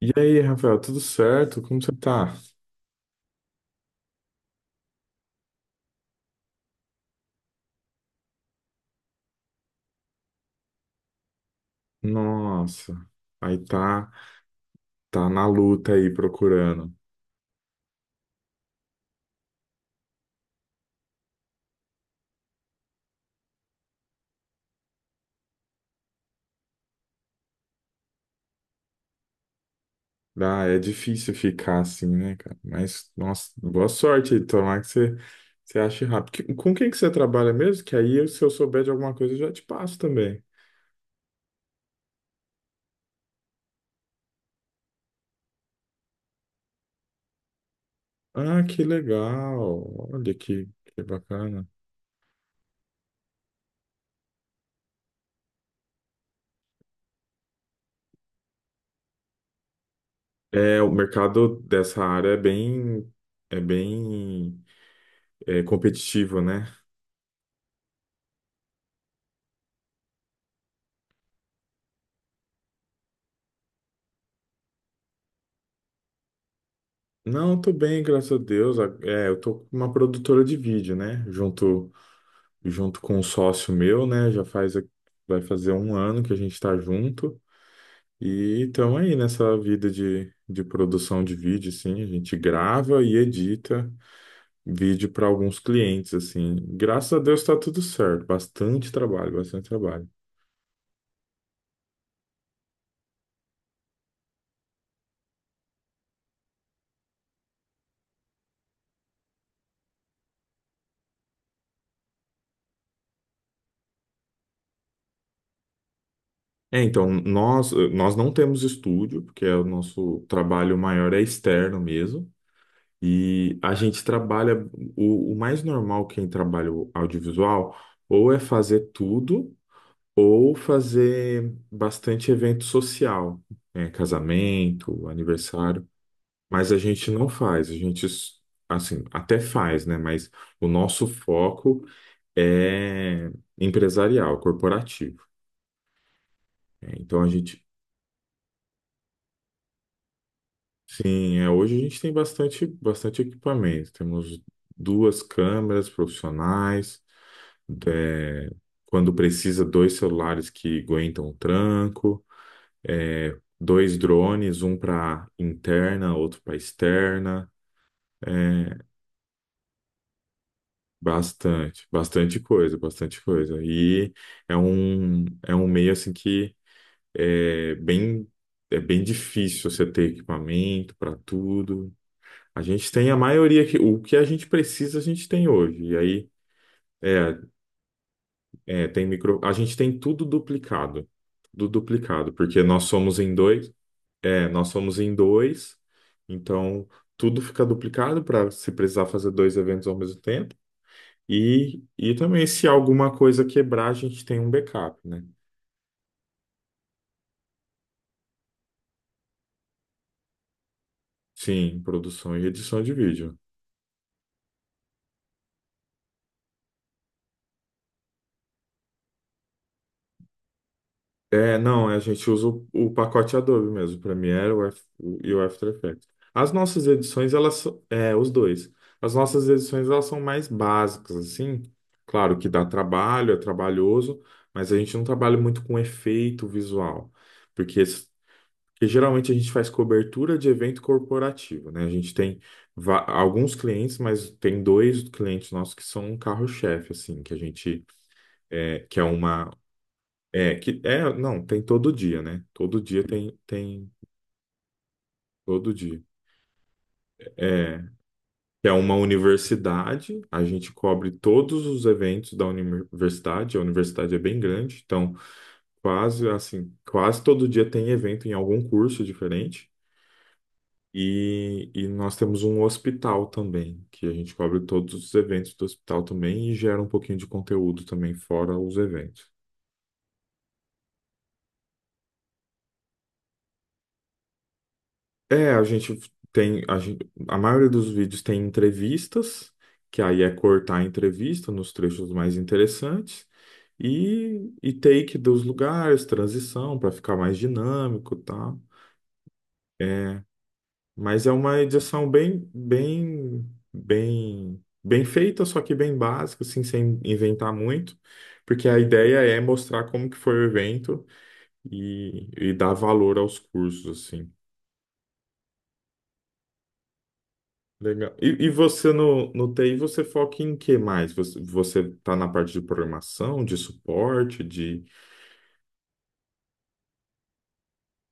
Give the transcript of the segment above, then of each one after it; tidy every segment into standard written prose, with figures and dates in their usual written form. E aí, Rafael, tudo certo? Como você tá? Nossa, aí tá na luta aí procurando. Ah, é difícil ficar assim, né, cara? Mas, nossa, boa sorte aí, tomara que você ache rápido. Com quem que você trabalha mesmo? Que aí, se eu souber de alguma coisa, eu já te passo também. Ah, que legal! Olha que bacana. É, o mercado dessa área é bem, é competitivo, né? Não, tô bem, graças a Deus. É, eu tô com uma produtora de vídeo, né? Junto com um sócio meu, né? Vai fazer um ano que a gente tá junto. E estamos aí nessa vida de produção de vídeo, assim. A gente grava e edita vídeo para alguns clientes, assim. Graças a Deus tá tudo certo. Bastante trabalho, bastante trabalho. É, então, nós não temos estúdio, porque o nosso trabalho maior é externo mesmo. E a gente trabalha, o mais normal quem trabalha o audiovisual, ou é fazer tudo, ou fazer bastante evento social, né, casamento, aniversário, mas a gente não faz, a gente, assim, até faz, né, mas o nosso foco é empresarial, corporativo, né? Então a gente, sim, hoje a gente tem bastante, bastante equipamento, temos duas câmeras profissionais, é, quando precisa, dois celulares que aguentam o tranco, dois drones, um para interna, outro para externa. É, bastante, bastante coisa, bastante coisa. E é um meio assim que é bem, é bem difícil você ter equipamento para tudo. A gente tem a maioria que o que a gente precisa, a gente tem hoje. E aí, é, A gente tem tudo duplicado. Tudo duplicado, porque nós somos em dois. É, nós somos em dois, então tudo fica duplicado para se precisar fazer dois eventos ao mesmo tempo. E também, se alguma coisa quebrar, a gente tem um backup, né? Sim, produção e edição de vídeo. É, não, a gente usa o pacote Adobe mesmo, o Premiere e o After Effects. As nossas edições, elas são, os dois. As nossas edições, elas são mais básicas, assim. Claro que dá trabalho, é trabalhoso, mas a gente não trabalha muito com efeito visual, porque, s- porque geralmente a gente faz cobertura de evento corporativo, né? A gente tem alguns clientes, mas tem dois clientes nossos que são um carro-chefe, assim, que a gente, que é uma, que é, não, tem todo dia, né? Todo dia tem, todo dia. É, que é uma universidade, a gente cobre todos os eventos da universidade, a universidade é bem grande, então quase assim, quase todo dia tem evento em algum curso diferente. E nós temos um hospital também, que a gente cobre todos os eventos do hospital também e gera um pouquinho de conteúdo também fora os eventos. É, a gente tem, a gente, a maioria dos vídeos tem entrevistas, que aí é cortar a entrevista nos trechos mais interessantes, e take dos lugares, transição, para ficar mais dinâmico, tá? É, mas é uma edição bem, bem, bem, bem feita, só que bem básica, assim, sem inventar muito, porque a ideia é mostrar como que foi o evento e dar valor aos cursos, assim. Legal. E você no TI, você foca em que mais? Você tá na parte de programação, de suporte, de.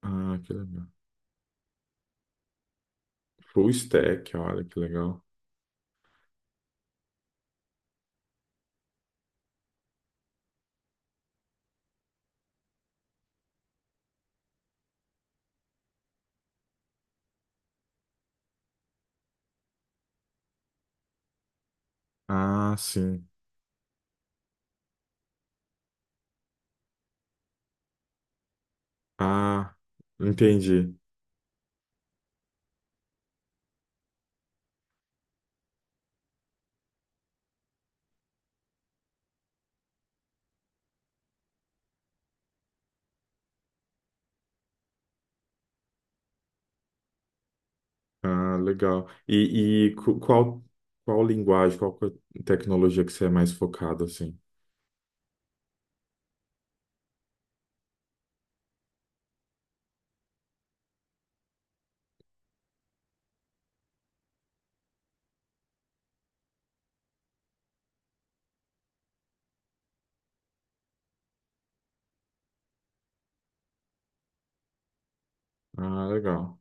Ah, que legal. Full stack, olha que legal. Ah, sim. Ah, entendi. Ah, legal. E qual linguagem, tecnologia que você é mais focado, assim? Ah, legal.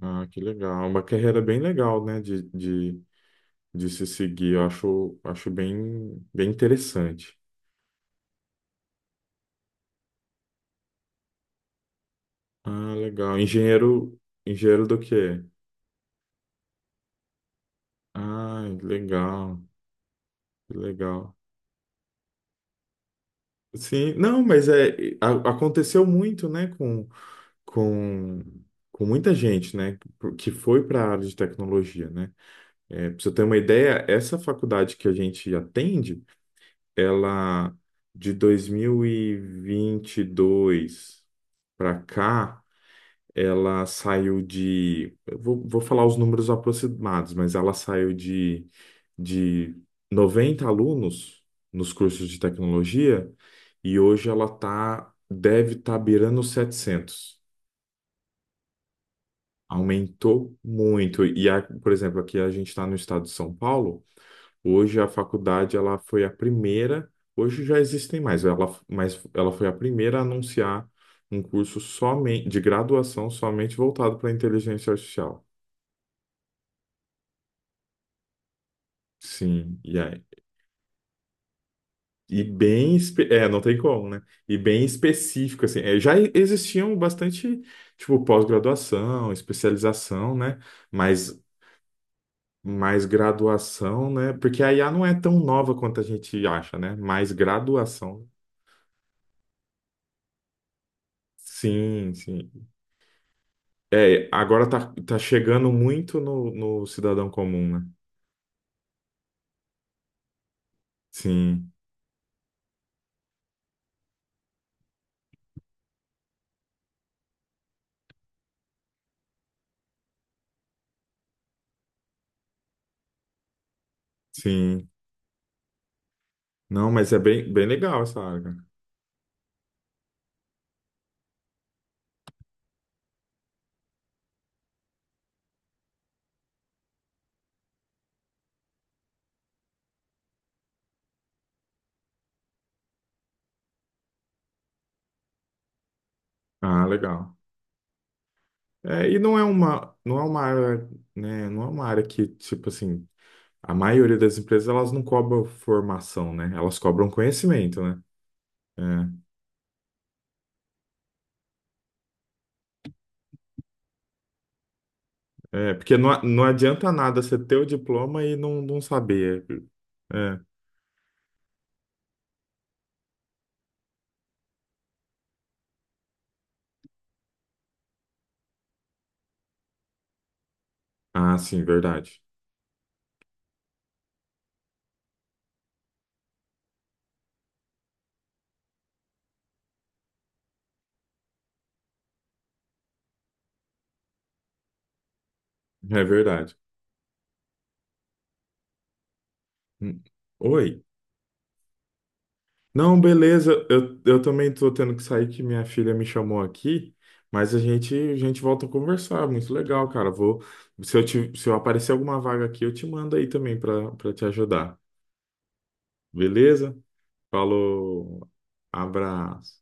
Ah, que legal. Uma carreira bem legal, né, de se seguir. Eu acho bem, bem interessante. Ah, legal. Engenheiro, engenheiro do quê? Ah, legal, legal. Sim, não, mas aconteceu muito, né, com, com muita gente, né, que foi para a área de tecnologia, né? É, para você ter uma ideia, essa faculdade que a gente atende, ela de 2022 para cá, ela saiu de. Eu vou falar os números aproximados, mas ela saiu de 90 alunos nos cursos de tecnologia e hoje ela deve estar beirando os 700. Aumentou muito. E, por exemplo, aqui a gente está no estado de São Paulo, hoje a faculdade ela foi a primeira. Hoje já existem mais, ela, mas ela foi a primeira a anunciar um curso somente de graduação somente voltado para inteligência artificial. Sim, e aí? E bem, não tem como, né? E bem específico, assim. É, já existiam bastante, tipo, pós-graduação, especialização, né? Mas mais graduação, né? Porque a IA não é tão nova quanto a gente acha, né? Mais graduação. Sim, sim. É, agora tá chegando muito no cidadão comum, né? Sim, sim. Não, mas é bem, bem legal essa área, cara. Ah, legal. É, e não é uma área, né, não é uma área que, tipo assim, a maioria das empresas, elas não cobram formação, né? Elas cobram conhecimento, né? É, é, porque não, não adianta nada você ter o diploma e não, não saber. É. Ah, sim, verdade. É verdade. Hum. Oi. Não, beleza. Eu também tô tendo que sair que minha filha me chamou aqui, mas a gente volta a conversar. Muito legal, cara. Vou, se eu te, se eu aparecer alguma vaga aqui, eu te mando aí também para te ajudar. Beleza? Falou. Abraço.